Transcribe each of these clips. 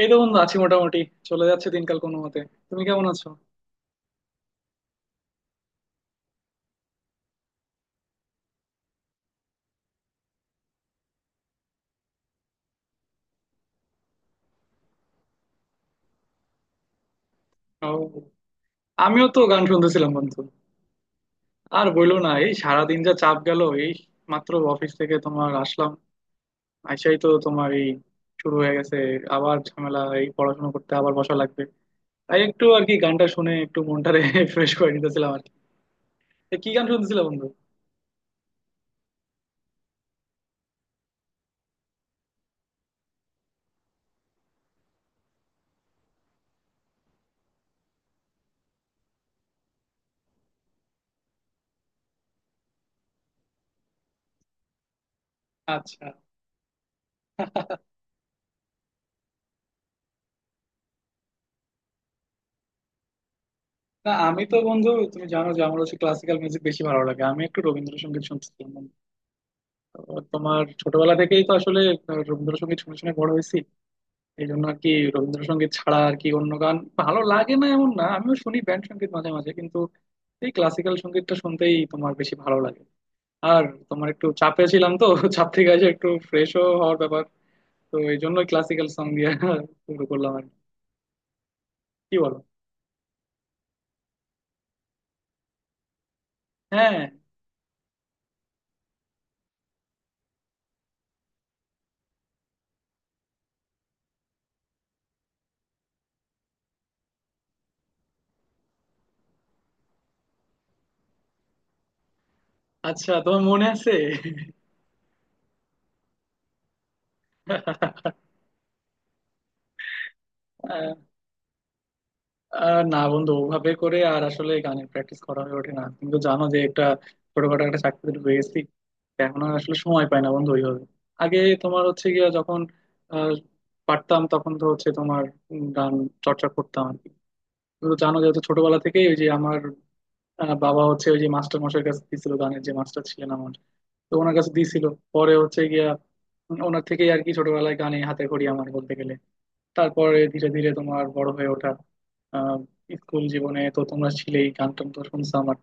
এই তো বন্ধু, আছি মোটামুটি। চলে যাচ্ছে দিনকাল কোনো মতে। তুমি কেমন আছো? ও, আমিও তো গান শুনতেছিলাম বন্ধু। আর বইলো না, এই সারাদিন যা চাপ গেল! এই মাত্র অফিস থেকে তোমার আসলাম। আইসাই তো তোমার এই শুরু হয়ে গেছে আবার ঝামেলা, এই পড়াশোনা করতে আবার বসা লাগবে। তাই একটু আর কি গানটা শুনে একটু মনটারে ফ্রেশ করে নিতেছিলাম আর কি। তা কি গান শুনতেছিলে বন্ধু? আচ্ছা। না, আমি তো বন্ধু, তুমি জানো যে আমার হচ্ছে ক্লাসিক্যাল মিউজিক বেশি ভালো লাগে। আমি একটু রবীন্দ্রসঙ্গীত শুনছিলাম। তো তোমার ছোটবেলা থেকেই তো আসলে রবীন্দ্রসঙ্গীত শুনে শুনে বড় হয়েছি। এই জন্য আর কি রবীন্দ্রসঙ্গীত ছাড়া আর কি অন্য গান ভালো লাগে না এমন না, আমিও শুনি ব্যান্ড সঙ্গীত মাঝে মাঝে, কিন্তু এই ক্লাসিক্যাল সঙ্গীতটা শুনতেই তোমার বেশি ভালো লাগে। আর তোমার, একটু চাপে ছিলাম তো চাপ থেকে এসে একটু ফ্রেশও হওয়ার ব্যাপার। তো এই জন্য ক্লাসিক্যাল সং দিয়ে শুরু করলাম আর কি। কি বলো? হ্যাঁ। আচ্ছা, তোমার মনে আছে? না বন্ধু, ওভাবে করে আর আসলে গানের প্র্যাকটিস করা হয়ে ওঠে না, কিন্তু জানো যে একটা ছোটখাটো একটা চাকরি পেয়েছি। এখন আর আসলে সময় পাই না বন্ধু ওইভাবে। আগে তোমার হচ্ছে গিয়া যখন আহ, পারতাম, তখন তো হচ্ছে তোমার গান চর্চা করতাম আর কি। কিন্তু জানো, যেহেতু ছোটবেলা থেকেই ওই যে আমার বাবা হচ্ছে ওই যে মাস্টার মশাইয়ের কাছে দিছিল, গানের যে মাস্টার ছিলেন আমার। তো ওনার কাছে দিছিল। পরে হচ্ছে গিয়া ওনার থেকেই আর কি ছোটবেলায় গানে হাতে খড়ি আমার বলতে গেলে। তারপরে ধীরে ধীরে তোমার বড় হয়ে ওঠা। আহ, স্কুল জীবনে তো তোমরা ছিলেই, গান টান তো শুনছো আমার।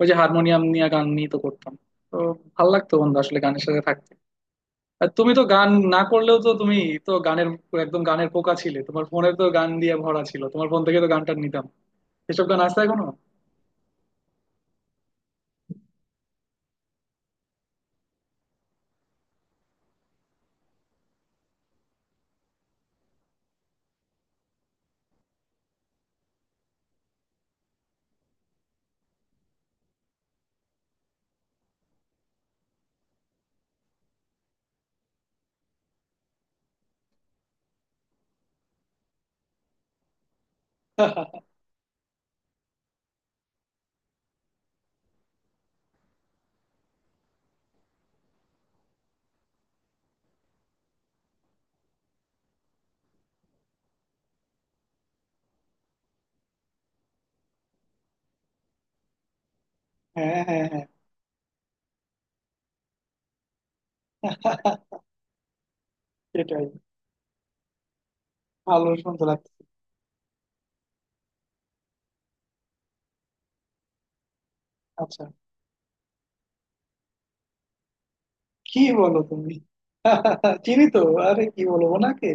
ওই যে হারমোনিয়াম নিয়ে গান নিয়ে তো করতাম। তো ভাল লাগতো বন্ধু আসলে গানের সাথে থাকতে। আর তুমি তো গান না করলেও তো তুমি তো গানের, একদম গানের পোকা ছিলে। তোমার ফোনে তো গান দিয়ে ভরা ছিল, তোমার ফোন থেকে তো গান টান নিতাম। এসব গান আছে এখনো? হ্যাঁ, হ্যাঁ, হ্যাঁ। সেটাই। ভালো শুনতে লাগছে। আচ্ছা। কি বলো তুমি? চিনি তো। আরে কি বলবো নাকি!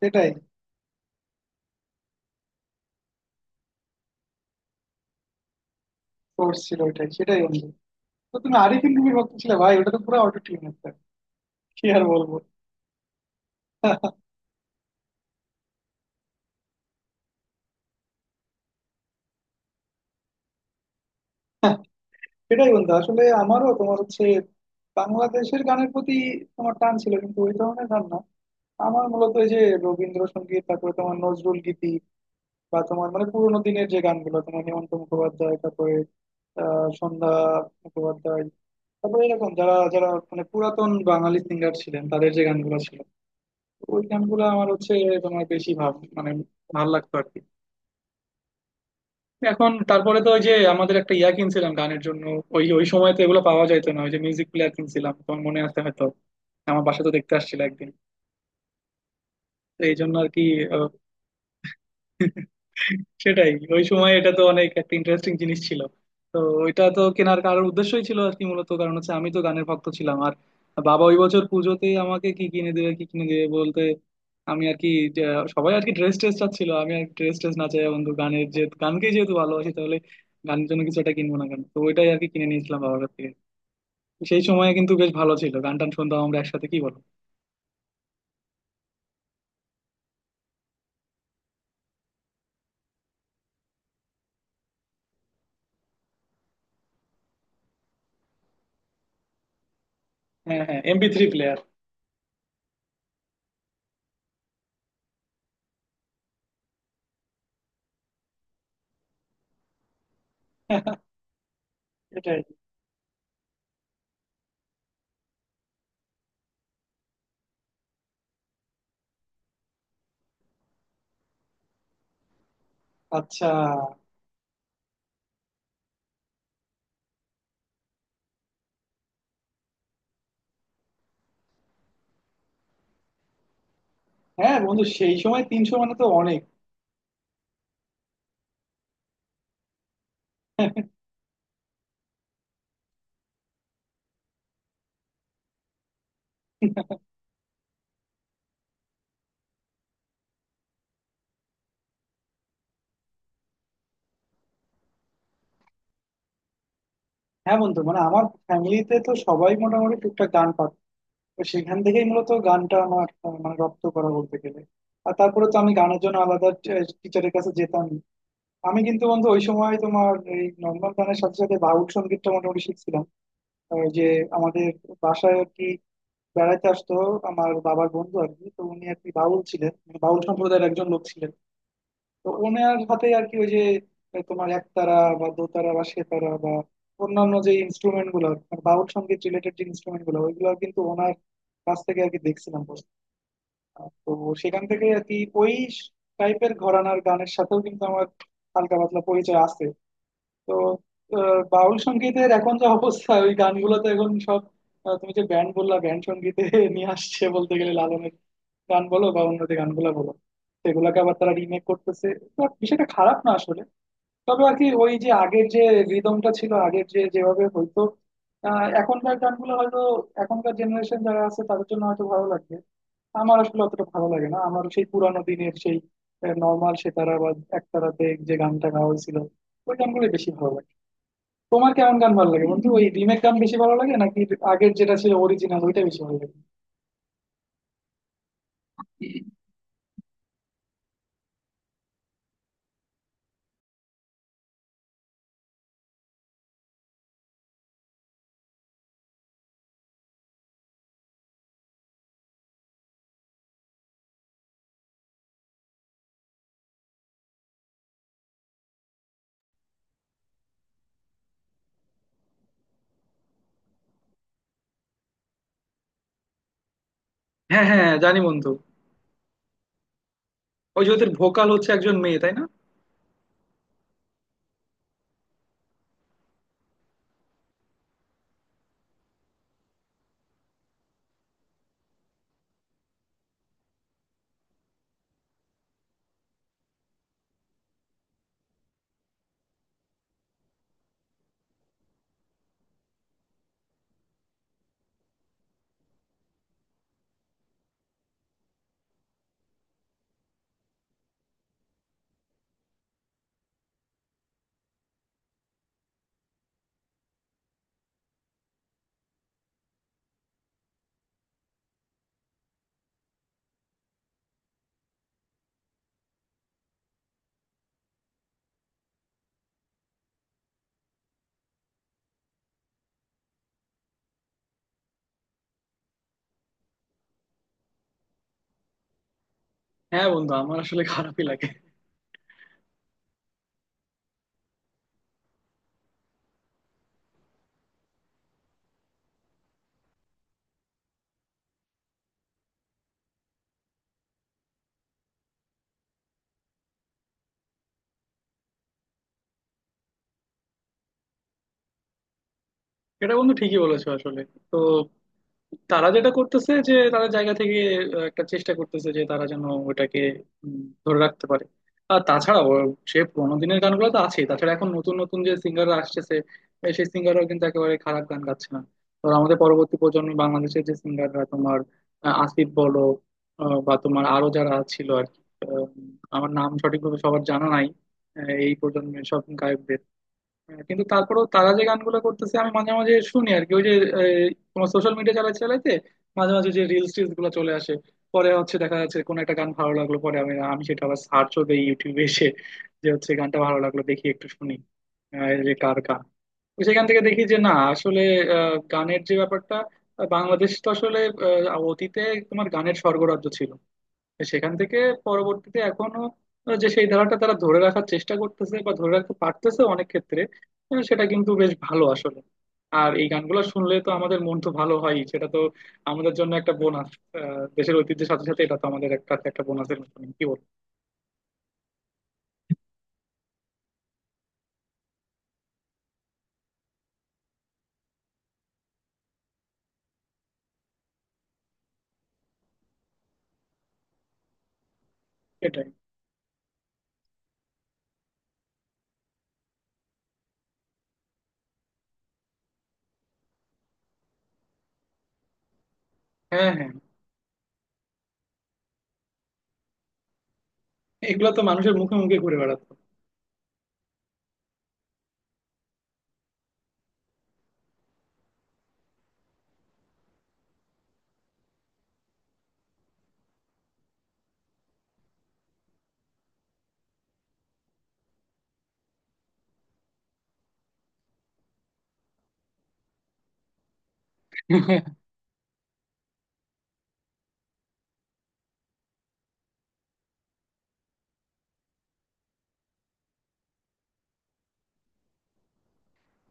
সেটাই। সোর্স ছিল ওইটাই, সেটাই বন্ধু। তো তুমি আরিফিন রুমির ভক্ত ছিলে ভাই! ওটা তো পুরো অটো টিউন, একটা, কি আর বলবো! সেটাই বন্ধু। আসলে আমারও তোমার হচ্ছে বাংলাদেশের গানের প্রতি তোমার টান ছিল, কিন্তু ওই ধরনের গান না। আমার মূলত এই যে রবীন্দ্রসঙ্গীত, তারপরে তোমার নজরুল গীতি, বা তোমার মানে পুরোনো দিনের যে গানগুলো, তোমার হেমন্ত মুখোপাধ্যায়, তারপরে সন্ধ্যা মুখোপাধ্যায়, তারপরে এরকম যারা যারা মানে পুরাতন বাঙালি সিঙ্গার ছিলেন, তাদের যে গানগুলো ছিল ওই গানগুলো আমার হচ্ছে তোমার বেশি ভাব মানে ভালো লাগতো আর কি। এখন তারপরে তো ওই যে আমাদের একটা ইয়া কিনছিলাম গানের জন্য। ওই ওই সময় তো এগুলো পাওয়া যাইতো না, ওই যে মিউজিক প্লেয়ার কিনছিলাম তোমার মনে আছে হয়তো। আমার বাসা তো দেখতে আসছিল একদিন। তো এই জন্য আর কি। সেটাই। ওই সময় এটা তো অনেক একটা ইন্টারেস্টিং জিনিস ছিল। তো ওইটা তো কেনার কারোর উদ্দেশ্যই ছিল আর কি, মূলত কারণ হচ্ছে আমি তো গানের ভক্ত ছিলাম। আর বাবা ওই বছর পুজোতেই আমাকে কি কিনে দেবে কি কিনে দেবে বলতে, আমি আর কি যে সবাই আর কি ড্রেস ট্রেস চাচ্ছিল, আমি আর ড্রেস ট্রেস না চাই বন্ধু, গানের যে, গানকেই যেহেতু ভালোবাসি, তাহলে গানের জন্য কিছু একটা কিনবো না কেন? তো ওইটাই আর কি কিনে নিয়েছিলাম বাবার কাছ থেকে। সেই সময় কিন্তু বেশ ভালো ছিল, গান টান শুনতাম আমরা একসাথে, কি বলো? হ্যাঁ, হ্যাঁ, MP3 প্লেয়ার। এটাই। আচ্ছা। হ্যাঁ বন্ধু, সেই সময় 300 মানে তো অনেক। হ্যাঁ বন্ধু, মানে আমার ফ্যামিলিতে তো সবাই মোটামুটি টুকটাক গান পারতো। তো সেখান থেকেই মূলত গানটা আমার মানে রপ্ত করা বলতে গেলে। আর তারপরে তো আমি গানের জন্য আলাদা টিচারের কাছে যেতাম। আমি কিন্তু বন্ধু ওই সময় তোমার এই নর্মাল গানের সাথে সাথে বাউল সঙ্গীতটা মোটামুটি শিখছিলাম। যে আমাদের বাসায় আর কি বেড়াইতে আসতো আমার বাবার বন্ধু আর কি, তো উনি আর কি বাউল ছিলেন, মানে বাউল সম্প্রদায়ের একজন লোক ছিলেন। তো ওনার হাতে আর কি ওই যে তোমার একতারা বা দোতারা বা সেতারা বা অন্যান্য যে ইনস্ট্রুমেন্ট গুলো, বাউল সঙ্গীত রিলেটেড যে ইনস্ট্রুমেন্ট গুলো, ওইগুলো কিন্তু ওনার কাছ থেকে আর কি দেখছিলাম বসে। তো সেখান থেকে আর কি ওই টাইপের ঘরানার গানের সাথেও কিন্তু আমার হালকা পাতলা পরিচয় আছে। তো বাউল সংগীতের এখন যা অবস্থা, ওই গানগুলো তো এখন সব তুমি যে ব্যান্ড বললা ব্যান্ড সংগীতে নিয়ে আসছে বলতে গেলে, লালনের গান বলো বা অন্য যে গানগুলো বলো, সেগুলোকে আবার তারা রিমেক করতেছে। তো বিষয়টা খারাপ না আসলে। তবে আর কি ওই যে আগের যে রিদমটা ছিল, আগের যে যেভাবে হয়তো। এখনকার গানগুলো হয়তো এখনকার জেনারেশন যারা আছে তাদের জন্য হয়তো ভালো লাগবে। আমার আসলে অতটা ভালো লাগে না। আমার সেই পুরানো দিনের সেই নর্মাল সেতারা বা একতারাতে যে গানটা গাওয়া হয়েছিল, ওই গানগুলো বেশি ভালো লাগে। তোমার কেমন গান ভালো লাগে বন্ধু? ওই রিমেক গান বেশি ভালো লাগে নাকি আগের যেটা ছিল অরিজিনাল, ওইটা বেশি ভালো লাগে? হ্যাঁ, হ্যাঁ, হ্যাঁ, জানি বন্ধু। ওই যে ওদের ভোকাল হচ্ছে একজন মেয়ে তাই না? হ্যাঁ বন্ধু, আমার আসলে খারাপই লাগে। এটা বন্ধু ঠিকই বলেছো আসলে। তো তারা যেটা করতেছে, যে তাদের জায়গা থেকে একটা চেষ্টা করতেছে যে তারা যেন ওটাকে উম, ধরে রাখতে পারে। আর তাছাড়া সে পুরোনো দিনের গানগুলো তো আছেই, তাছাড়া এখন নতুন নতুন যে সিঙ্গাররা আসতেছে, সেই সিঙ্গাররাও কিন্তু একেবারে খারাপ গান গাচ্ছে না। ধরো আমাদের পরবর্তী প্রজন্ম বাংলাদেশের যে সিঙ্গাররা তোমার, আসিফ বলো, বা তোমার আরো যারা ছিল আর কি, আহ, আমার নাম সঠিকভাবে সবার জানা নাই, এই প্রজন্মের সব গায়ক। হ্যাঁ, কিন্তু তারপরেও তারা যে গানগুলো করতেছে আমি মাঝে মাঝে শুনি আর কি। ওই যে এই, তোমার সোশ্যাল মিডিয়া চালাতে চালাইতে মাঝে মাঝে যে রিলস টিলস গুলো চলে আসে, পরে হচ্ছে দেখা যাচ্ছে কোন একটা গান ভালো লাগলো, পরে আমি আমি সেটা আবার সার্চও দিই ইউটিউবে এসে যে হচ্ছে গানটা ভালো লাগলো, দেখি একটু শুনি এই যে কার গান। তো সেখান থেকে দেখি যে না আসলে গানের যে ব্যাপারটা, বাংলাদেশ তো আসলে অতীতে তোমার গানের স্বর্গরাজ্য ছিল। সেখান থেকে পরবর্তীতে এখনো যে সেই ধারাটা তারা ধরে রাখার চেষ্টা করতেছে বা ধরে রাখতে পারতেছে অনেক ক্ষেত্রে, সেটা কিন্তু বেশ ভালো আসলে। আর এই গানগুলো শুনলে তো আমাদের মন তো ভালো হয়, সেটা তো আমাদের জন্য একটা বোনাস। দেশের ঐতিহ্যের সাথে সাথে এটা তো আমাদের একটা একটা বোনাসের মতন, কি বল? এটাই। হ্যাঁ, হ্যাঁ, এগুলো তো মানুষের মুখে মুখে ঘুরে বেড়াতো।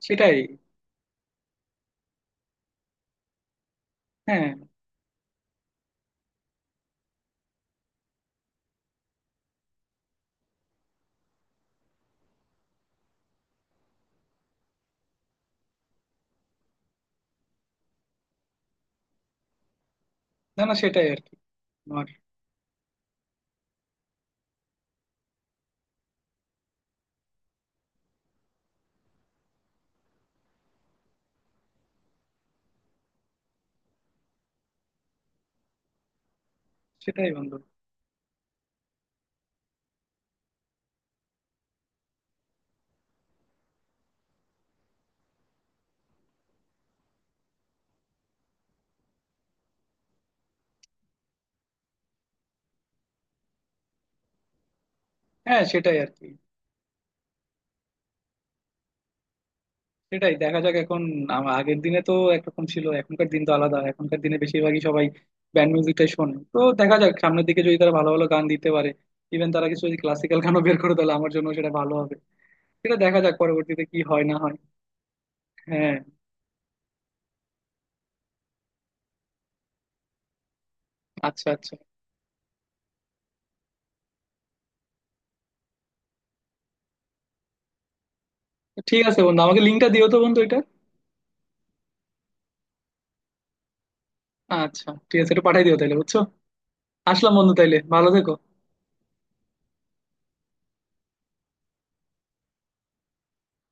সেটাই। হ্যাঁ, না, না, সেটাই আর কি। আমার। সেটাই বন্ধু। হ্যাঁ, সেটাই আর কি। সেটাই, দেখা যাক এখন। আগের দিনে তো একরকম ছিল, এখনকার দিন তো আলাদা। এখনকার দিনে বেশিরভাগই সবাই ব্যান্ড মিউজিকটাই শোনে। তো দেখা যাক সামনের দিকে যদি তারা ভালো ভালো গান দিতে পারে। ইভেন তারা কিছু যদি ক্লাসিক্যাল গানও বের করে তাহলে আমার জন্য সেটা ভালো হবে। সেটা দেখা যাক পরবর্তীতে কি হয় না হয়। হ্যাঁ, আচ্ছা আচ্ছা, ঠিক আছে বন্ধু, আমাকে লিঙ্কটা দিও তো বন্ধু এটা। আচ্ছা ঠিক আছে, এটা পাঠাই দিও তাহলে, বুঝছো? আসলাম বন্ধু, তাইলে ভালো থেকো।